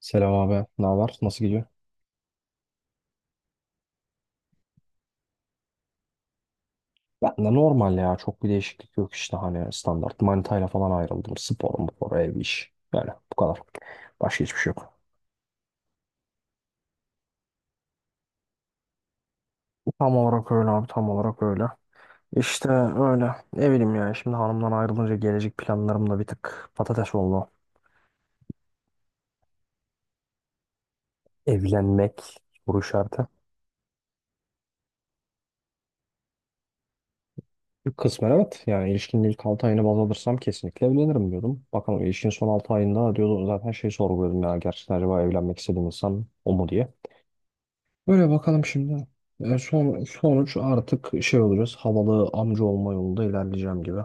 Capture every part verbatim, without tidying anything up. Selam abi. Ne var? Nasıl gidiyor? Ben de normal ya. Çok bir değişiklik yok işte hani standart. Manitayla falan ayrıldım. Spor, spor, ev, iş. Yani bu kadar. Başka hiçbir şey yok. Tam olarak öyle abi. Tam olarak öyle. İşte öyle. Ne bileyim ya. Şimdi hanımdan ayrılınca gelecek planlarım da bir tık patates oldu. Evlenmek soru işareti. Kısmen evet. Yani ilişkinin ilk altı ayını baz alırsam kesinlikle evlenirim diyordum. Bakalım ilişkinin son altı ayında diyordu zaten şey sorguluyordum ya. Gerçekten acaba evlenmek istediğim insan o mu diye. Böyle bakalım şimdi. E, son, sonuç artık şey olacağız. Havalı amca olma yolunda ilerleyeceğim gibi.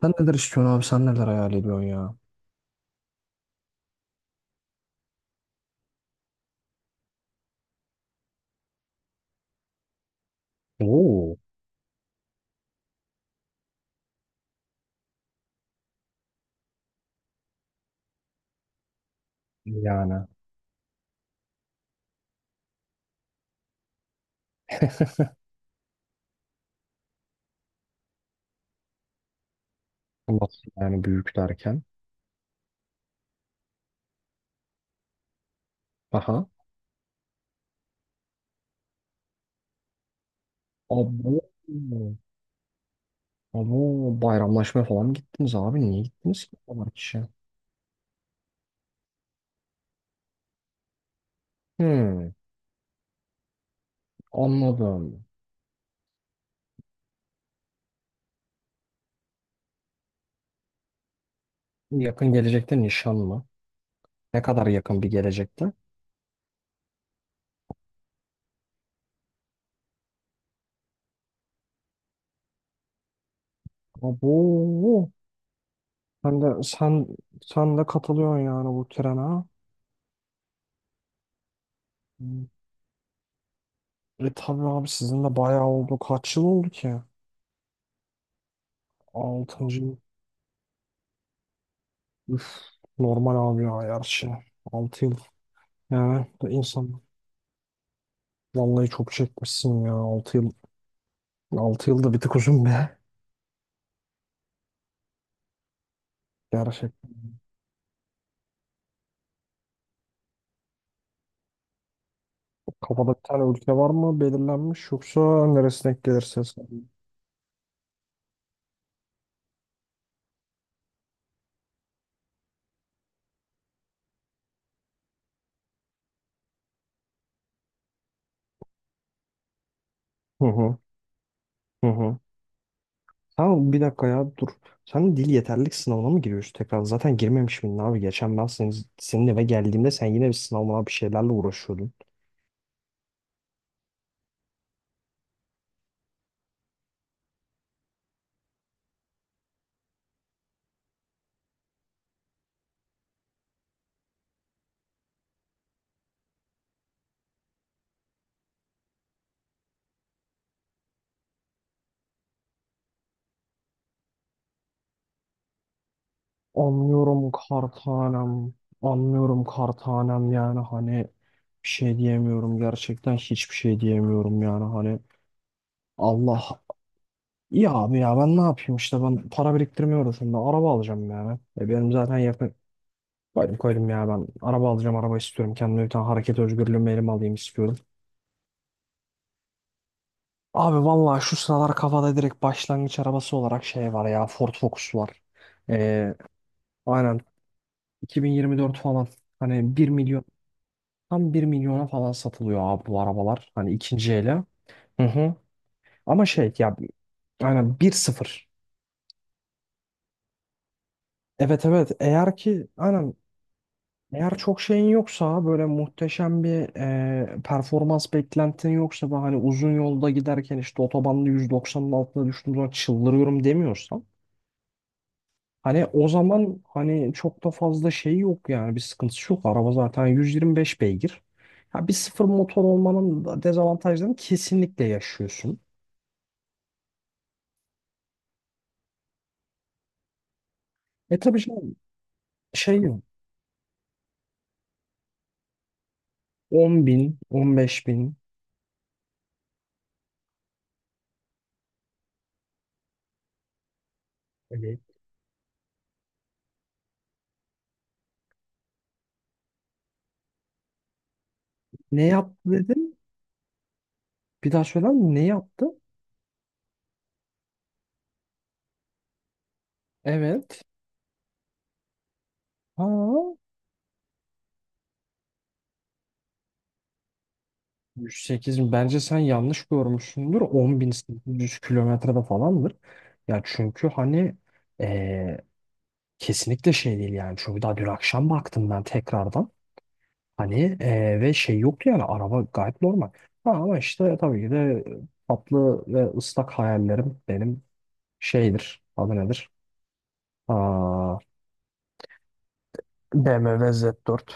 Sen neler istiyorsun abi? Sen neler hayal ediyorsun ya? Oo. Yani nasıl yani büyük derken? Aha. Abo. Abo. Bayramlaşma falan mı gittiniz abi? Niye gittiniz ki bu kadar kişi? Hmm, anladım. Yakın gelecekte nişan mı? Ne kadar yakın bir gelecekte? Abo. Sen de, sen, sen de katılıyorsun yani bu trene ha? E tabii abi sizin de bayağı oldu. Kaç yıl oldu ki? Altıncı yıl. Üf, normal abi ya her şey. altı yıl. Yani bu insan vallahi çok çekmişsin ya altı yıl. Altı yıl da bir tık uzun be. Gerçek. Kafada bir tane ülke var mı belirlenmiş yoksa neresine denk gelirse. sen- Hı hı. Hı hı. Sen bir dakika ya dur. Sen dil yeterlilik sınavına mı giriyorsun tekrar? Zaten girmemiş miydin abi? Geçen ben senin, senin eve geldiğimde sen yine bir sınavına bir şeylerle uğraşıyordun. Anlıyorum kartanem. Anlıyorum kartanem yani hani bir şey diyemiyorum gerçekten hiçbir şey diyemiyorum yani hani. Allah ya abi ya ben ne yapayım işte, ben para biriktirmiyorum şimdi, araba alacağım yani. E benim zaten yakın. Koydum, koydum ya, ben araba alacağım, araba istiyorum kendime bir tane, hareket özgürlüğümü elime alayım istiyorum. Abi vallahi şu sıralar kafada direkt başlangıç arabası olarak şey var ya, Ford Focus var. E, aynen iki bin yirmi dört falan, hani bir milyon. Tam bir milyona falan satılıyor abi bu arabalar. Hani ikinci ele. Hı hı. Ama şey ya, aynen bir sıfır. Evet, evet, eğer ki aynen, eğer çok şeyin yoksa, böyle muhteşem bir e, performans beklentin yoksa ve hani uzun yolda giderken işte otobanda yüz doksanın altına düştüğüm zaman çıldırıyorum demiyorsan, hani o zaman, hani çok da fazla şey yok yani, bir sıkıntısı yok. Araba zaten yüz yirmi beş beygir. Ya bir sıfır motor olmanın da dezavantajlarını kesinlikle yaşıyorsun. E tabii şey, şey yok. on bin, on beş bin. Evet. Ne yaptı dedin? Bir daha söyler misin? Ne yaptı? Evet. Ha, yüz sekiz bin. Bence sen yanlış görmüşsündür. on bin sekiz yüz kilometrede falandır. Ya çünkü hani eee, kesinlikle şey değil yani. Çünkü daha dün akşam baktım ben tekrardan. Hani eee, ve şey yoktu yani, araba gayet normal. Ha, ama işte tabii ki de, tatlı ve ıslak hayallerim benim şeydir. Adı nedir? Aa, B M W Z dört.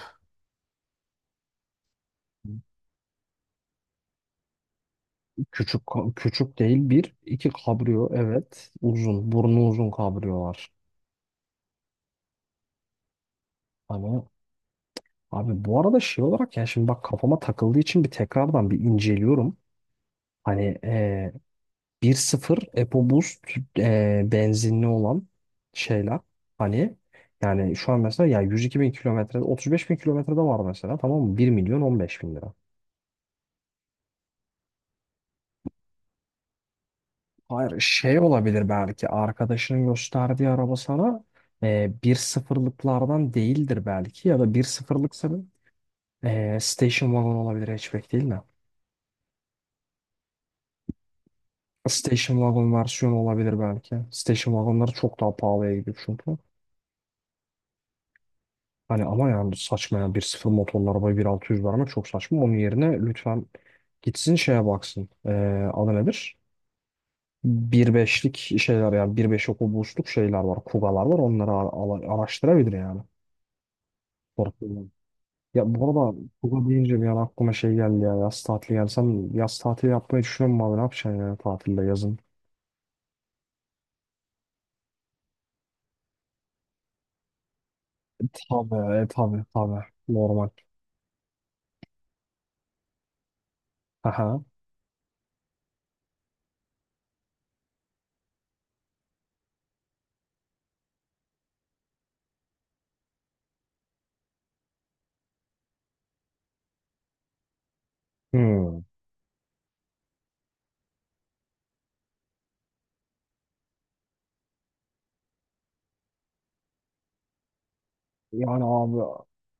Küçük ka- küçük değil, bir iki kabrio, evet, uzun burnu uzun kabriyolar. Hani abi bu arada şey olarak, yani şimdi bak kafama takıldığı için bir tekrardan bir inceliyorum. Hani e, bir sıfır EcoBoost e, benzinli olan şeyler, hani yani şu an mesela ya yüz iki bin kilometre, otuz beş bin kilometrede var mesela, tamam mı, bir milyon on beş bin lira. Hayır şey olabilir, belki arkadaşının gösterdiği araba sana e, bir sıfırlıklardan değildir, belki ya da bir sıfırlıksa bir, e, station wagon olabilir, hatchback değil mi? Station wagon versiyonu olabilir belki. Station wagonları çok daha pahalıya gidiyor çünkü. Hani ama yani saçma, yani bir sıfır motorlu arabaya bin altı yüz vermek çok saçma. Onun yerine lütfen gitsin şeye baksın. E, adı nedir? bir nokta beşlik şeyler yani, bir nokta beş oku boşluk şeyler var. Kugalar var, onları ara- ara- araştırabilir yani. Ya bu arada Kuba deyince bir an aklıma şey geldi ya, yaz tatili geldi. Sen yaz tatili yapmayı düşünüyor musun abi? Ne yapacaksın yani tatilde yazın? Tabii, e, tabii, tabii. Normal. Aha. Hmm. Yani abi,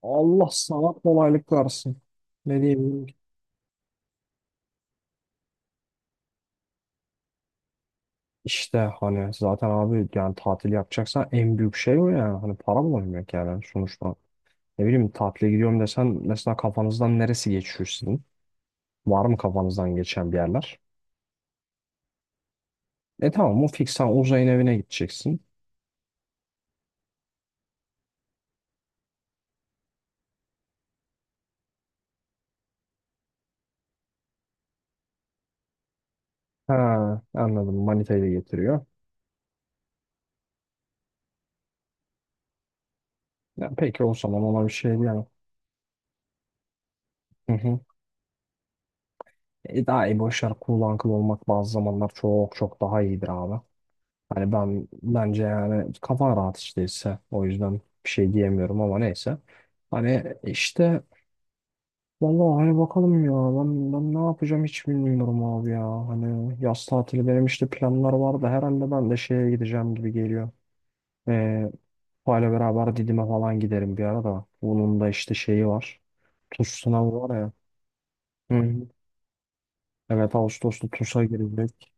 Allah sana kolaylık versin. Ne diyeyim ki? İşte hani zaten abi, yani tatil yapacaksan en büyük şey o yani. Hani para bulabilmek yani sonuçta. Ne bileyim, tatile gidiyorum desen mesela, kafanızdan neresi geçiyor sizin? Var mı kafanızdan geçen bir yerler? E tamam, o fix, sen uzayın evine gideceksin. Ha, anladım. Manitayı da getiriyor. Ya, peki o zaman ona bir şey diyemem. Hı hı. E, daha iyi, boşver, cool uncle olmak bazı zamanlar çok çok daha iyidir abi. Hani ben bence yani, kafan rahat işteyse o yüzden bir şey diyemiyorum, ama neyse. Hani işte vallahi hani bakalım ya, ben, ben ne yapacağım hiç bilmiyorum abi ya. Hani yaz tatili benim, işte planlar vardı herhalde, ben de şeye gideceğim gibi geliyor. E, Tufayla beraber Didim'e falan giderim bir ara da. Bunun da işte şeyi var. TUS sınavı var ya. Hı hı. Evet, Ağustos'ta TUS'a girecek.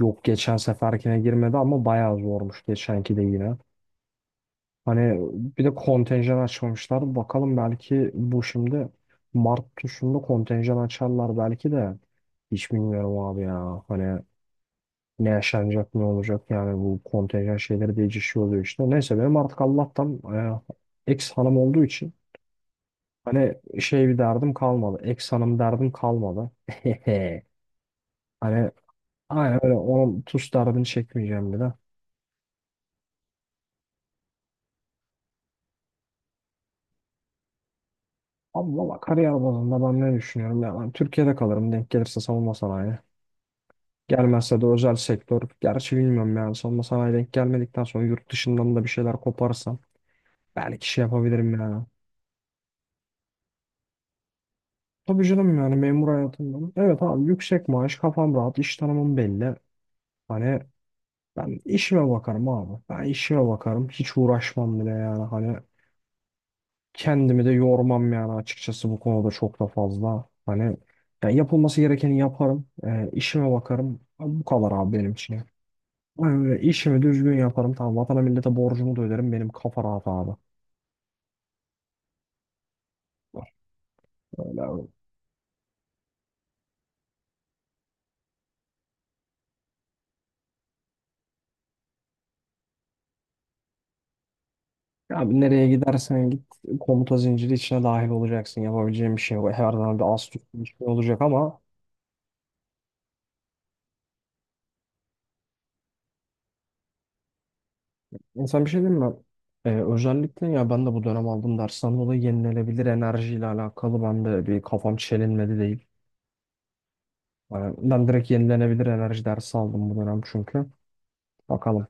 Yok, geçen seferkine girmedi ama bayağı zormuş geçenki de yine. Hani bir de kontenjan açmamışlar. Bakalım, belki bu şimdi Mart TUS'unda kontenjan açarlar belki de. Hiç bilmiyorum abi ya. Hani ne yaşanacak ne olacak yani, bu kontenjan şeyleri değişiyor oluyor işte. Neyse, benim artık Allah'tan e, ex hanım olduğu için, hani şey, bir derdim kalmadı. Ex hanım derdim kalmadı. Hani aynen öyle, onun tuz derdini çekmeyeceğim bir de. Ama valla kariyer bazında ben ne düşünüyorum ya. Ben Türkiye'de kalırım, denk gelirse savunma sanayi. Gelmezse de özel sektör. Gerçi bilmiyorum yani, savunma sanayi denk gelmedikten sonra yurt dışından da bir şeyler koparsam. Belki şey yapabilirim yani. Tabii canım, yani memur hayatından. Evet abi, yüksek maaş, kafam rahat, iş tanımım belli. Hani ben işime bakarım abi. Ben işime bakarım. Hiç uğraşmam bile yani. Hani kendimi de yormam yani, açıkçası bu konuda çok da fazla. Hani, ya, yapılması gerekeni yaparım. E, işime bakarım. Bu kadar abi benim için ya. E, işimi düzgün yaparım. Tamam, vatana millete borcumu da öderim. Benim kafa rahat abi. Öyle abi. Abi nereye gidersen git komuta zinciri içine dahil olacaksın. Yapabileceğin bir şey yok. Her zaman bir az tut bir şey olacak, ama insan bir şey değil mi? E, özellikle, ya ben de bu dönem aldım dersten dolayı yenilenebilir enerjiyle alakalı ben de bir kafam çelinmedi değil. Yani ben direkt yenilenebilir enerji dersi aldım bu dönem çünkü. Bakalım.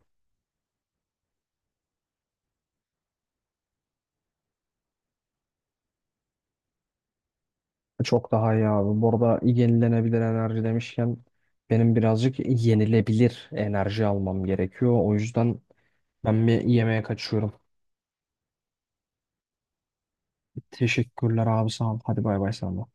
Çok daha iyi abi. Bu arada yenilenebilir enerji demişken, benim birazcık yenilebilir enerji almam gerekiyor. O yüzden ben bir yemeğe kaçıyorum. Teşekkürler abi, sağ ol. Hadi bay bay sana.